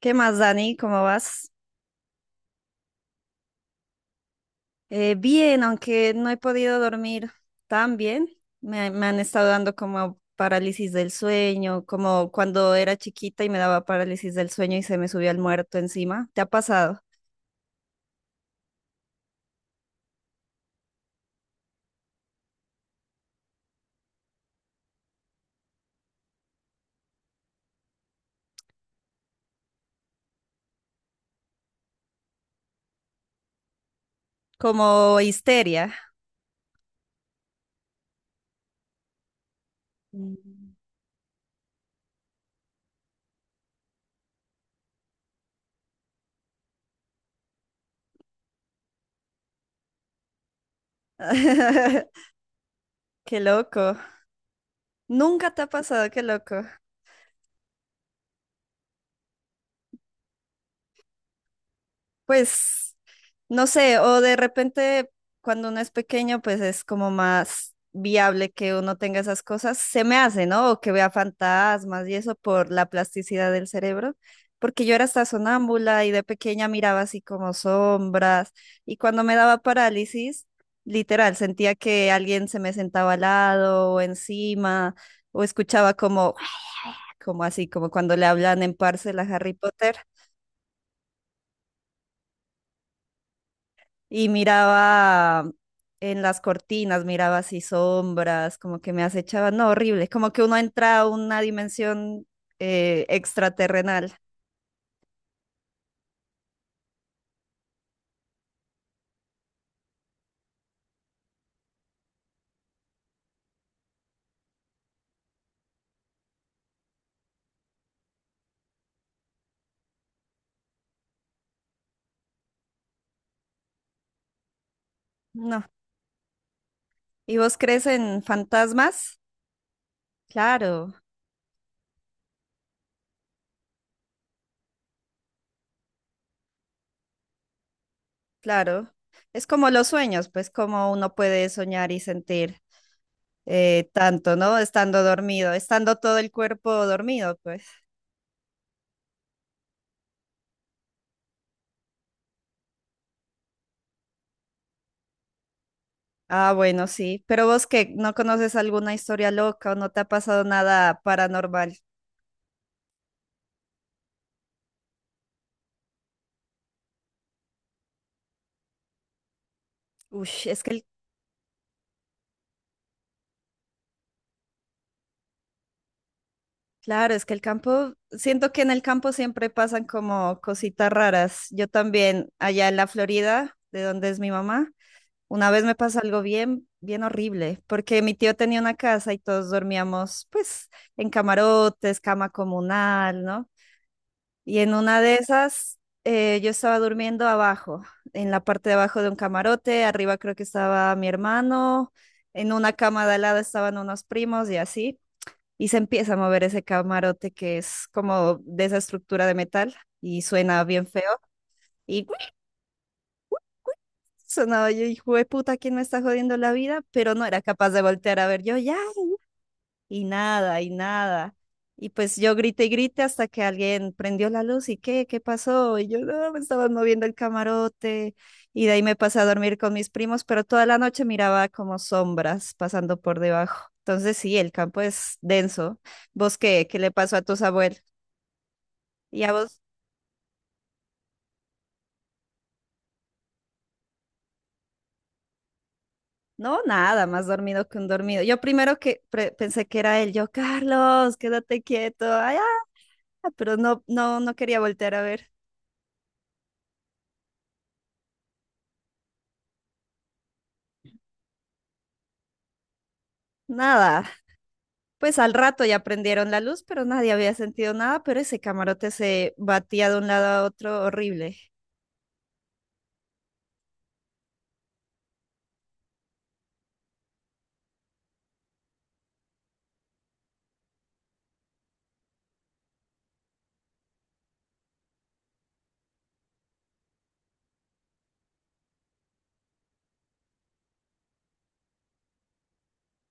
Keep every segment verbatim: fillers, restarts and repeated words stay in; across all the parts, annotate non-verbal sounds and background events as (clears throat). ¿Qué más, Dani? ¿Cómo vas? Eh, bien, aunque no he podido dormir tan bien. Me, me han estado dando como parálisis del sueño, como cuando era chiquita y me daba parálisis del sueño y se me subía el muerto encima. ¿Te ha pasado? Como histeria. Mm. (laughs) Qué loco. Nunca te ha pasado, qué loco. Pues, no sé, o de repente cuando uno es pequeño, pues es como más viable que uno tenga esas cosas, se me hace, ¿no? O que vea fantasmas y eso por la plasticidad del cerebro, porque yo era hasta sonámbula y de pequeña miraba así como sombras y cuando me daba parálisis, literal, sentía que alguien se me sentaba al lado o encima o escuchaba como, como así, como cuando le hablan en Parcel a Harry Potter. Y miraba en las cortinas, miraba así sombras, como que me acechaba, no, horrible, como que uno entra a una dimensión eh, extraterrenal. No. ¿Y vos crees en fantasmas? Claro, claro. Es como los sueños, pues como uno puede soñar y sentir eh, tanto, ¿no? Estando dormido, estando todo el cuerpo dormido, pues. Ah, bueno, sí. Pero vos que no conoces alguna historia loca o no te ha pasado nada paranormal. Uy, es que el... Claro, es que el campo, siento que en el campo siempre pasan como cositas raras. Yo también, allá en la Florida, de donde es mi mamá, una vez me pasó algo bien, bien horrible, porque mi tío tenía una casa y todos dormíamos, pues, en camarotes, cama comunal, ¿no? Y en una de esas, eh, yo estaba durmiendo abajo, en la parte de abajo de un camarote, arriba creo que estaba mi hermano, en una cama de al lado estaban unos primos y así, y se empieza a mover ese camarote que es como de esa estructura de metal y suena bien feo. Y ¡guic! sonaba. Yo, hijo de puta, ¿quién me está jodiendo la vida? Pero no era capaz de voltear a ver yo, ya, y nada, y nada. Y pues yo grité y grité hasta que alguien prendió la luz y qué, qué pasó. Y yo, no, me estaban moviendo el camarote. Y de ahí me pasé a dormir con mis primos, pero toda la noche miraba como sombras pasando por debajo. Entonces sí, el campo es denso. ¿Vos qué? ¿Qué le pasó a tus abuelos? ¿Y a vos? No, nada, más dormido que un dormido. Yo primero que pre- pensé que era él, yo, Carlos, quédate quieto. Ay, ah", pero no, no, no quería voltear a ver. Nada. Pues al rato ya prendieron la luz, pero nadie había sentido nada, pero ese camarote se batía de un lado a otro horrible.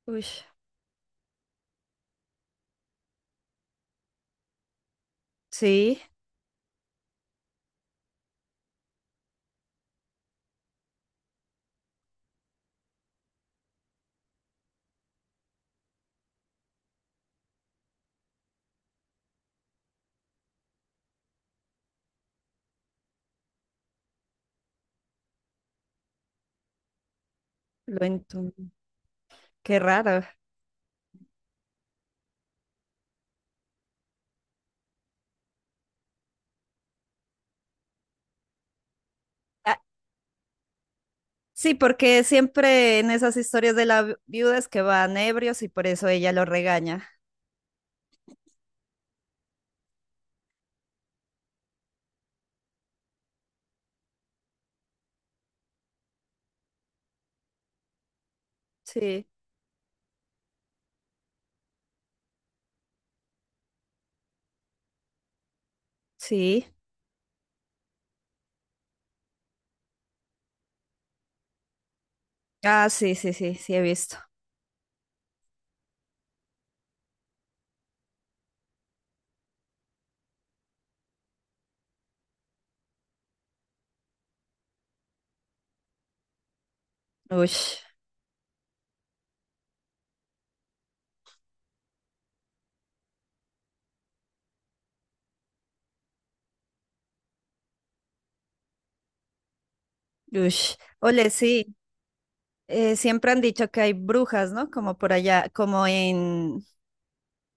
Uy, sí, lo entum. Qué raro. Ah, sí, porque siempre en esas historias de la vi- viuda es que van ebrios y por eso ella lo regaña. Sí, sí. Ah, sí, sí, sí, sí he visto. Uy. Ush. Ole, sí, eh, siempre han dicho que hay brujas, ¿no? Como por allá, como en,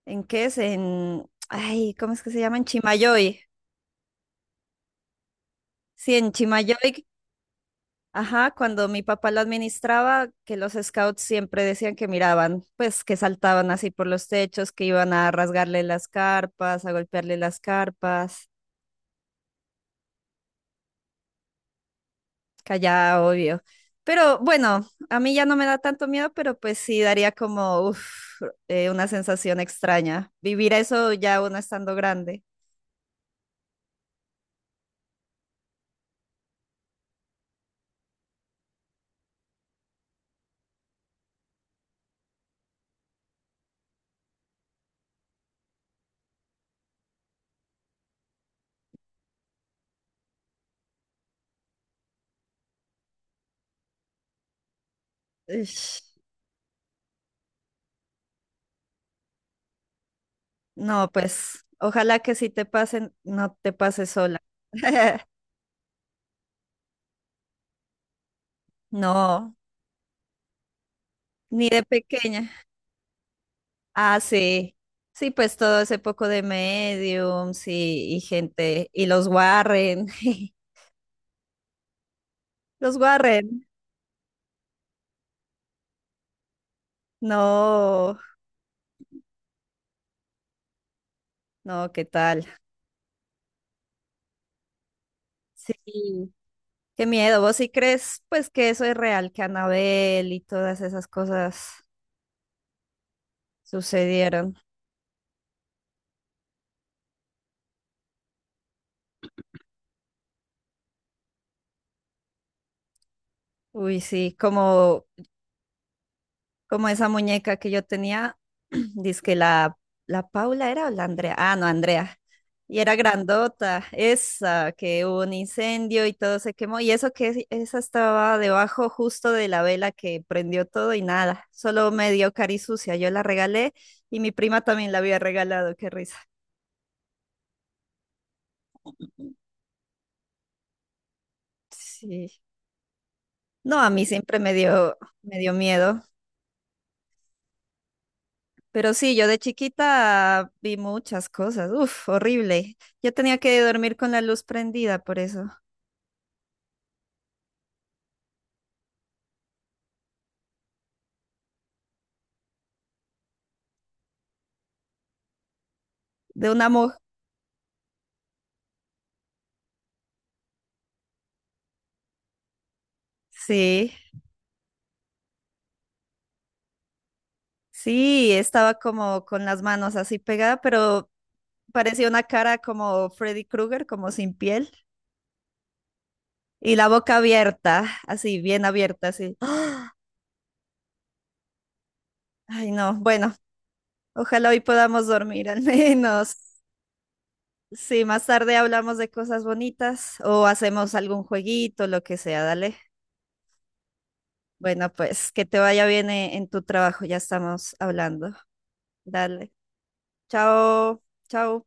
¿en qué es? En, ay, ¿cómo es que se llama? En Chimayoy. Sí, en Chimayoy, ajá, cuando mi papá lo administraba, que los scouts siempre decían que miraban, pues que saltaban así por los techos, que iban a rasgarle las carpas, a golpearle las carpas. Callada, obvio. Pero bueno, a mí ya no me da tanto miedo, pero pues sí daría como uf, eh, una sensación extraña. Vivir eso ya uno estando grande. Ish. No, pues ojalá que si te pasen, no te pases sola. (laughs) No, ni de pequeña. Ah, sí. Sí, pues todo ese poco de mediums y, y gente, y los Warren, (laughs) los Warren. No, no, ¿qué tal? Sí. Qué miedo, ¿vos sí crees pues que eso es real, que Anabel y todas esas cosas sucedieron? Uy, sí, como, como esa muñeca que yo tenía, (clears throat) dizque la, la Paula era o la Andrea, ah, no, Andrea, y era grandota, esa, que hubo un incendio y todo se quemó, y eso que es- esa estaba debajo justo de la vela que prendió todo y nada, solo medio cari sucia, yo la regalé y mi prima también la había regalado, qué risa. Sí. No, a mí siempre me dio, me dio miedo. Pero sí, yo de chiquita vi muchas cosas. Uf, horrible. Yo tenía que dormir con la luz prendida por eso. De una mujer. Sí, sí, estaba como con las manos así pegada, pero parecía una cara como Freddy Krueger, como sin piel. Y la boca abierta, así, bien abierta, así. (gasps) ¡Ah! Ay, no. Bueno, ojalá hoy podamos dormir al (laughs) menos. Sí, más tarde hablamos de cosas bonitas o hacemos algún jueguito, lo que sea, dale. Bueno, pues que te vaya bien eh, en tu trabajo, ya estamos hablando. Dale. Chao, chao.